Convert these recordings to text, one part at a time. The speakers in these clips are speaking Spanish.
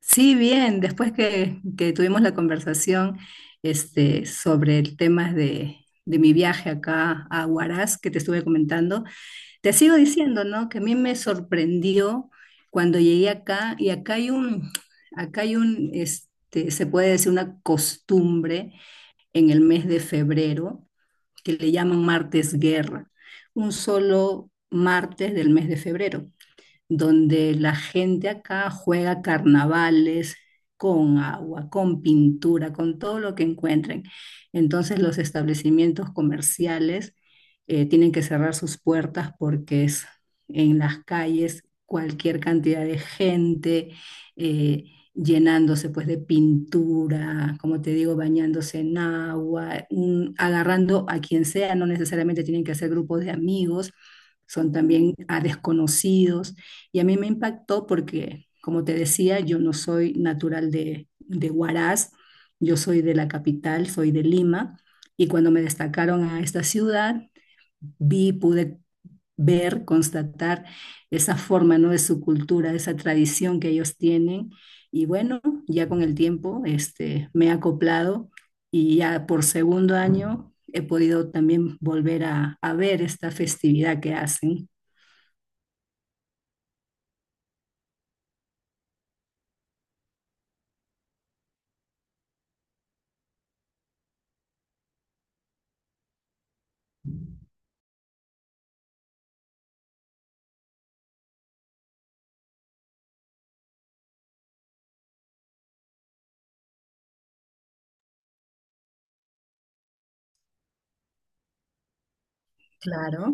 Sí, bien, después que tuvimos la conversación, sobre el tema de mi viaje acá a Huaraz, que te estuve comentando, te sigo diciendo, ¿no? Que a mí me sorprendió cuando llegué acá, y acá hay un, se puede decir una costumbre en el mes de febrero, que le llaman martes guerra, un solo martes del mes de febrero donde la gente acá juega carnavales con agua, con pintura, con todo lo que encuentren. Entonces los establecimientos comerciales tienen que cerrar sus puertas porque es en las calles cualquier cantidad de gente, eh, llenándose pues de pintura, como te digo, bañándose en agua, agarrando a quien sea, no necesariamente tienen que ser grupos de amigos, son también a desconocidos. Y a mí me impactó porque, como te decía, yo no soy natural de Huaraz, yo soy de la capital, soy de Lima, y cuando me destacaron a esta ciudad, pude ver, constatar esa forma, ¿no? de su cultura, esa tradición que ellos tienen. Y bueno, ya con el tiempo, me he acoplado y ya por segundo año he podido también volver a ver esta festividad que hacen. Claro.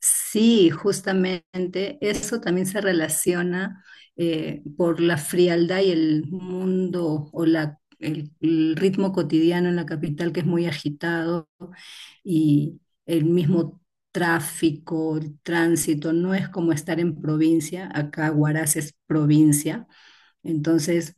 Sí, justamente eso también se relaciona, por la frialdad y el mundo o el ritmo cotidiano en la capital que es muy agitado, y el mismo tráfico, el tránsito, no es como estar en provincia, acá Huaraz es provincia, entonces,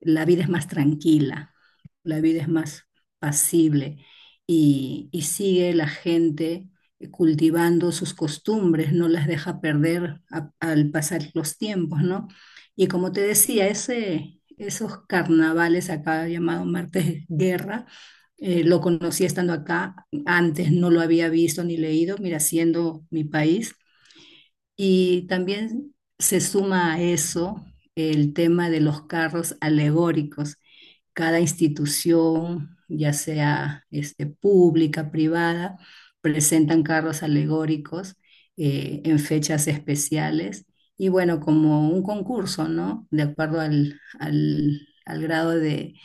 la vida es más tranquila, la vida es más pasible, y sigue la gente cultivando sus costumbres, no las deja perder al pasar los tiempos, ¿no? Y como te decía, ese, esos carnavales acá llamado Martes Guerra, lo conocí estando acá, antes no lo había visto ni leído, mira, siendo mi país, y también se suma a eso el tema de los carros alegóricos. Cada institución, ya sea, pública, privada, presentan carros alegóricos en fechas especiales. Y bueno, como un concurso, ¿no? De acuerdo al grado de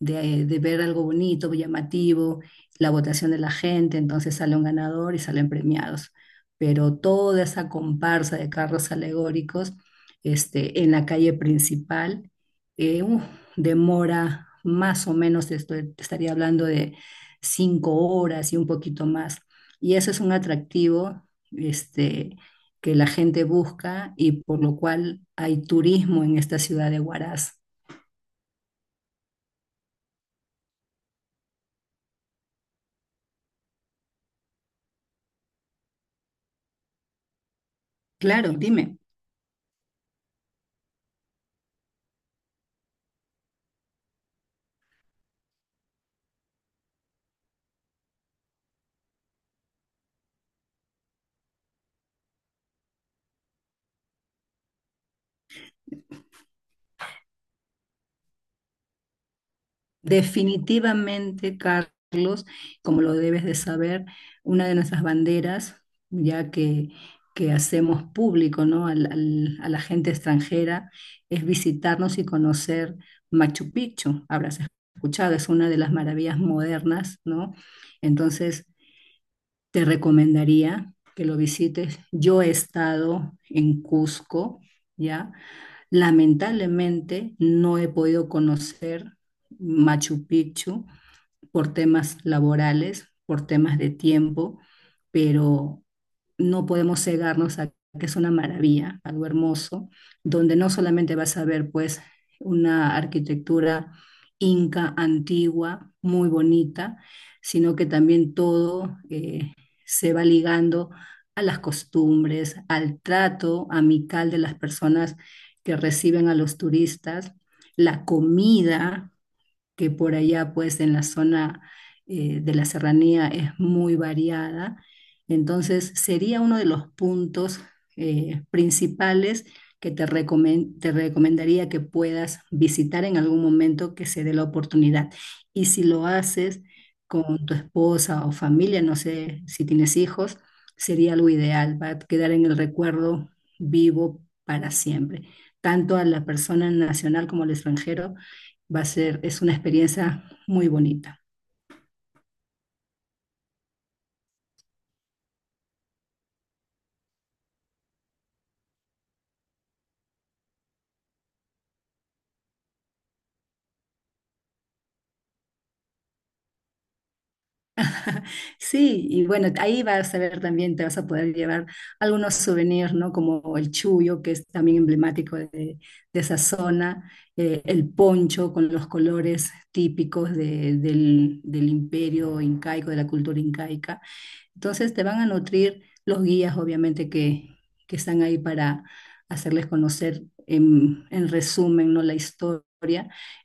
de, de ver algo bonito, llamativo, la votación de la gente, entonces sale un ganador y salen premiados. Pero toda esa comparsa de carros alegóricos, en la calle principal, eh, uf, demora más o menos, te estaría hablando de 5 horas y un poquito más. Y eso es un atractivo, este, que la gente busca y por lo cual hay turismo en esta ciudad de Huaraz. Claro, dime. Definitivamente, Carlos, como lo debes de saber, una de nuestras banderas, ya que hacemos público, ¿no? A la gente extranjera, es visitarnos y conocer Machu Picchu. Habrás escuchado, es una de las maravillas modernas, ¿no? Entonces, te recomendaría que lo visites. Yo he estado en Cusco, ¿ya? Lamentablemente, no he podido conocer Machu Picchu por temas laborales, por temas de tiempo, pero no podemos cegarnos a que es una maravilla, algo hermoso, donde no solamente vas a ver pues una arquitectura inca antigua, muy bonita, sino que también todo, se va ligando a las costumbres, al trato amical de las personas que reciben a los turistas, la comida, que por allá pues en la zona, de la serranía es muy variada. Entonces sería uno de los puntos, principales que te recomendaría que puedas visitar en algún momento que se dé la oportunidad. Y si lo haces con tu esposa o familia, no sé si tienes hijos, sería algo ideal, va a quedar en el recuerdo vivo para siempre, tanto a la persona nacional como al extranjero va a ser, es una experiencia muy bonita. Sí, y bueno, ahí vas a ver también, te vas a poder llevar algunos souvenirs, ¿no? Como el chullo, que es también emblemático de esa zona, el poncho con los colores típicos del, del imperio incaico, de la cultura incaica. Entonces te van a nutrir los guías, obviamente, que están ahí para hacerles conocer en resumen, ¿no? La historia.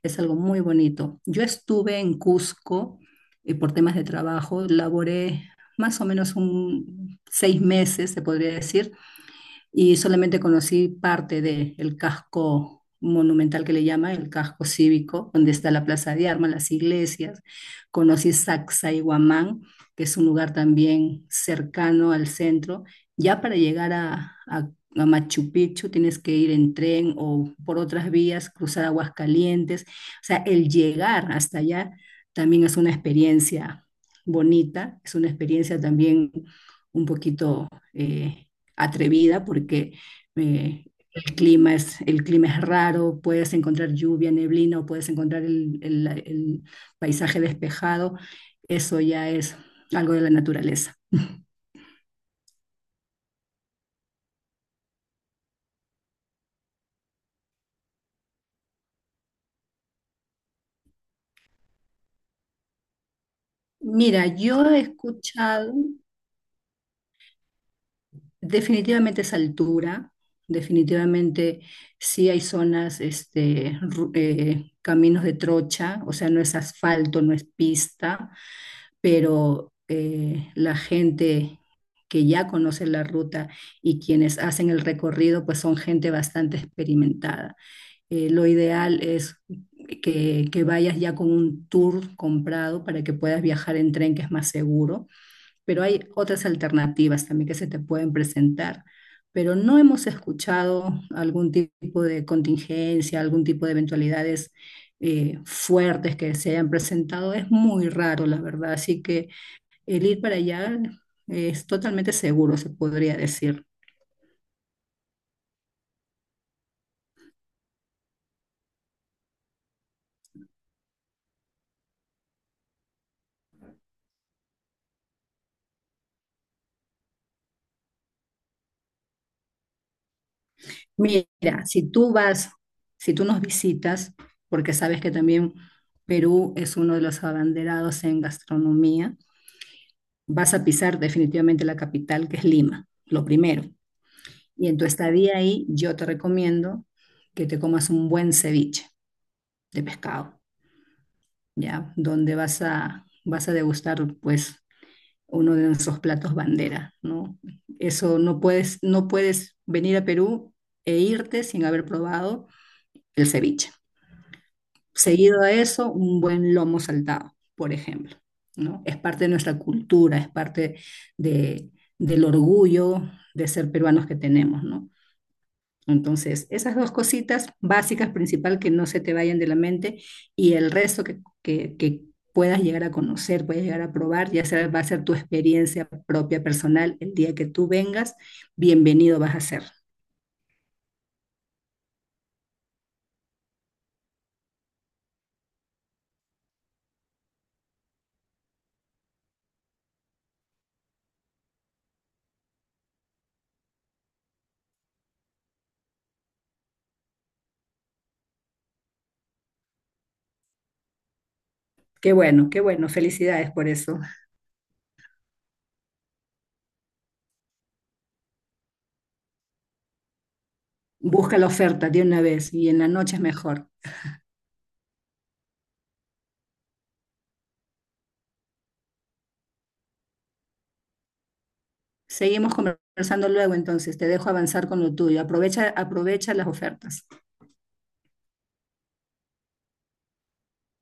Es algo muy bonito. Yo estuve en Cusco y por temas de trabajo, laboré más o menos un 6 meses, se podría decir, y solamente conocí parte del casco monumental que le llama, el casco cívico, donde está la Plaza de Armas, las iglesias. Conocí Sacsayhuamán, que es un lugar también cercano al centro. Ya para llegar a Machu Picchu tienes que ir en tren o por otras vías, cruzar Aguascalientes. O sea, el llegar hasta allá también es una experiencia bonita, es una experiencia también un poquito, eh, atrevida porque, eh, el clima es, el clima es raro, puedes encontrar lluvia, neblina o puedes encontrar el paisaje despejado. Eso ya es algo de la naturaleza. Mira, yo he escuchado definitivamente esa altura, definitivamente sí hay zonas, caminos de trocha, o sea, no es asfalto, no es pista, pero la gente que ya conoce la ruta y quienes hacen el recorrido, pues son gente bastante experimentada. Lo ideal es que vayas ya con un tour comprado para que puedas viajar en tren, que es más seguro, pero hay otras alternativas también que se te pueden presentar. Pero no hemos escuchado algún tipo de contingencia, algún tipo de eventualidades fuertes que se hayan presentado. Es muy raro, la verdad. Así que el ir para allá es totalmente seguro, se podría decir. Mira, si tú vas, si tú nos visitas, porque sabes que también Perú es uno de los abanderados en gastronomía, vas a pisar definitivamente la capital, que es Lima, lo primero. Y en tu estadía ahí, yo te recomiendo que te comas un buen ceviche de pescado, ¿ya? Donde vas a degustar, pues, uno de nuestros platos bandera, ¿no? Eso no puedes, no puedes venir a Perú e irte sin haber probado el ceviche. Seguido a eso, un buen lomo saltado, por ejemplo, ¿no? Es parte de nuestra cultura, es parte de, del orgullo de ser peruanos que tenemos, ¿no? Entonces, esas dos cositas básicas, principal, que no se te vayan de la mente y el resto que puedas llegar a conocer, puedas llegar a probar, ya sea, va a ser tu experiencia propia, personal, el día que tú vengas, bienvenido vas a ser. Qué bueno, felicidades por eso. Busca la oferta de una vez y en la noche es mejor. Seguimos conversando luego entonces, te dejo avanzar con lo tuyo, aprovecha, aprovecha las ofertas.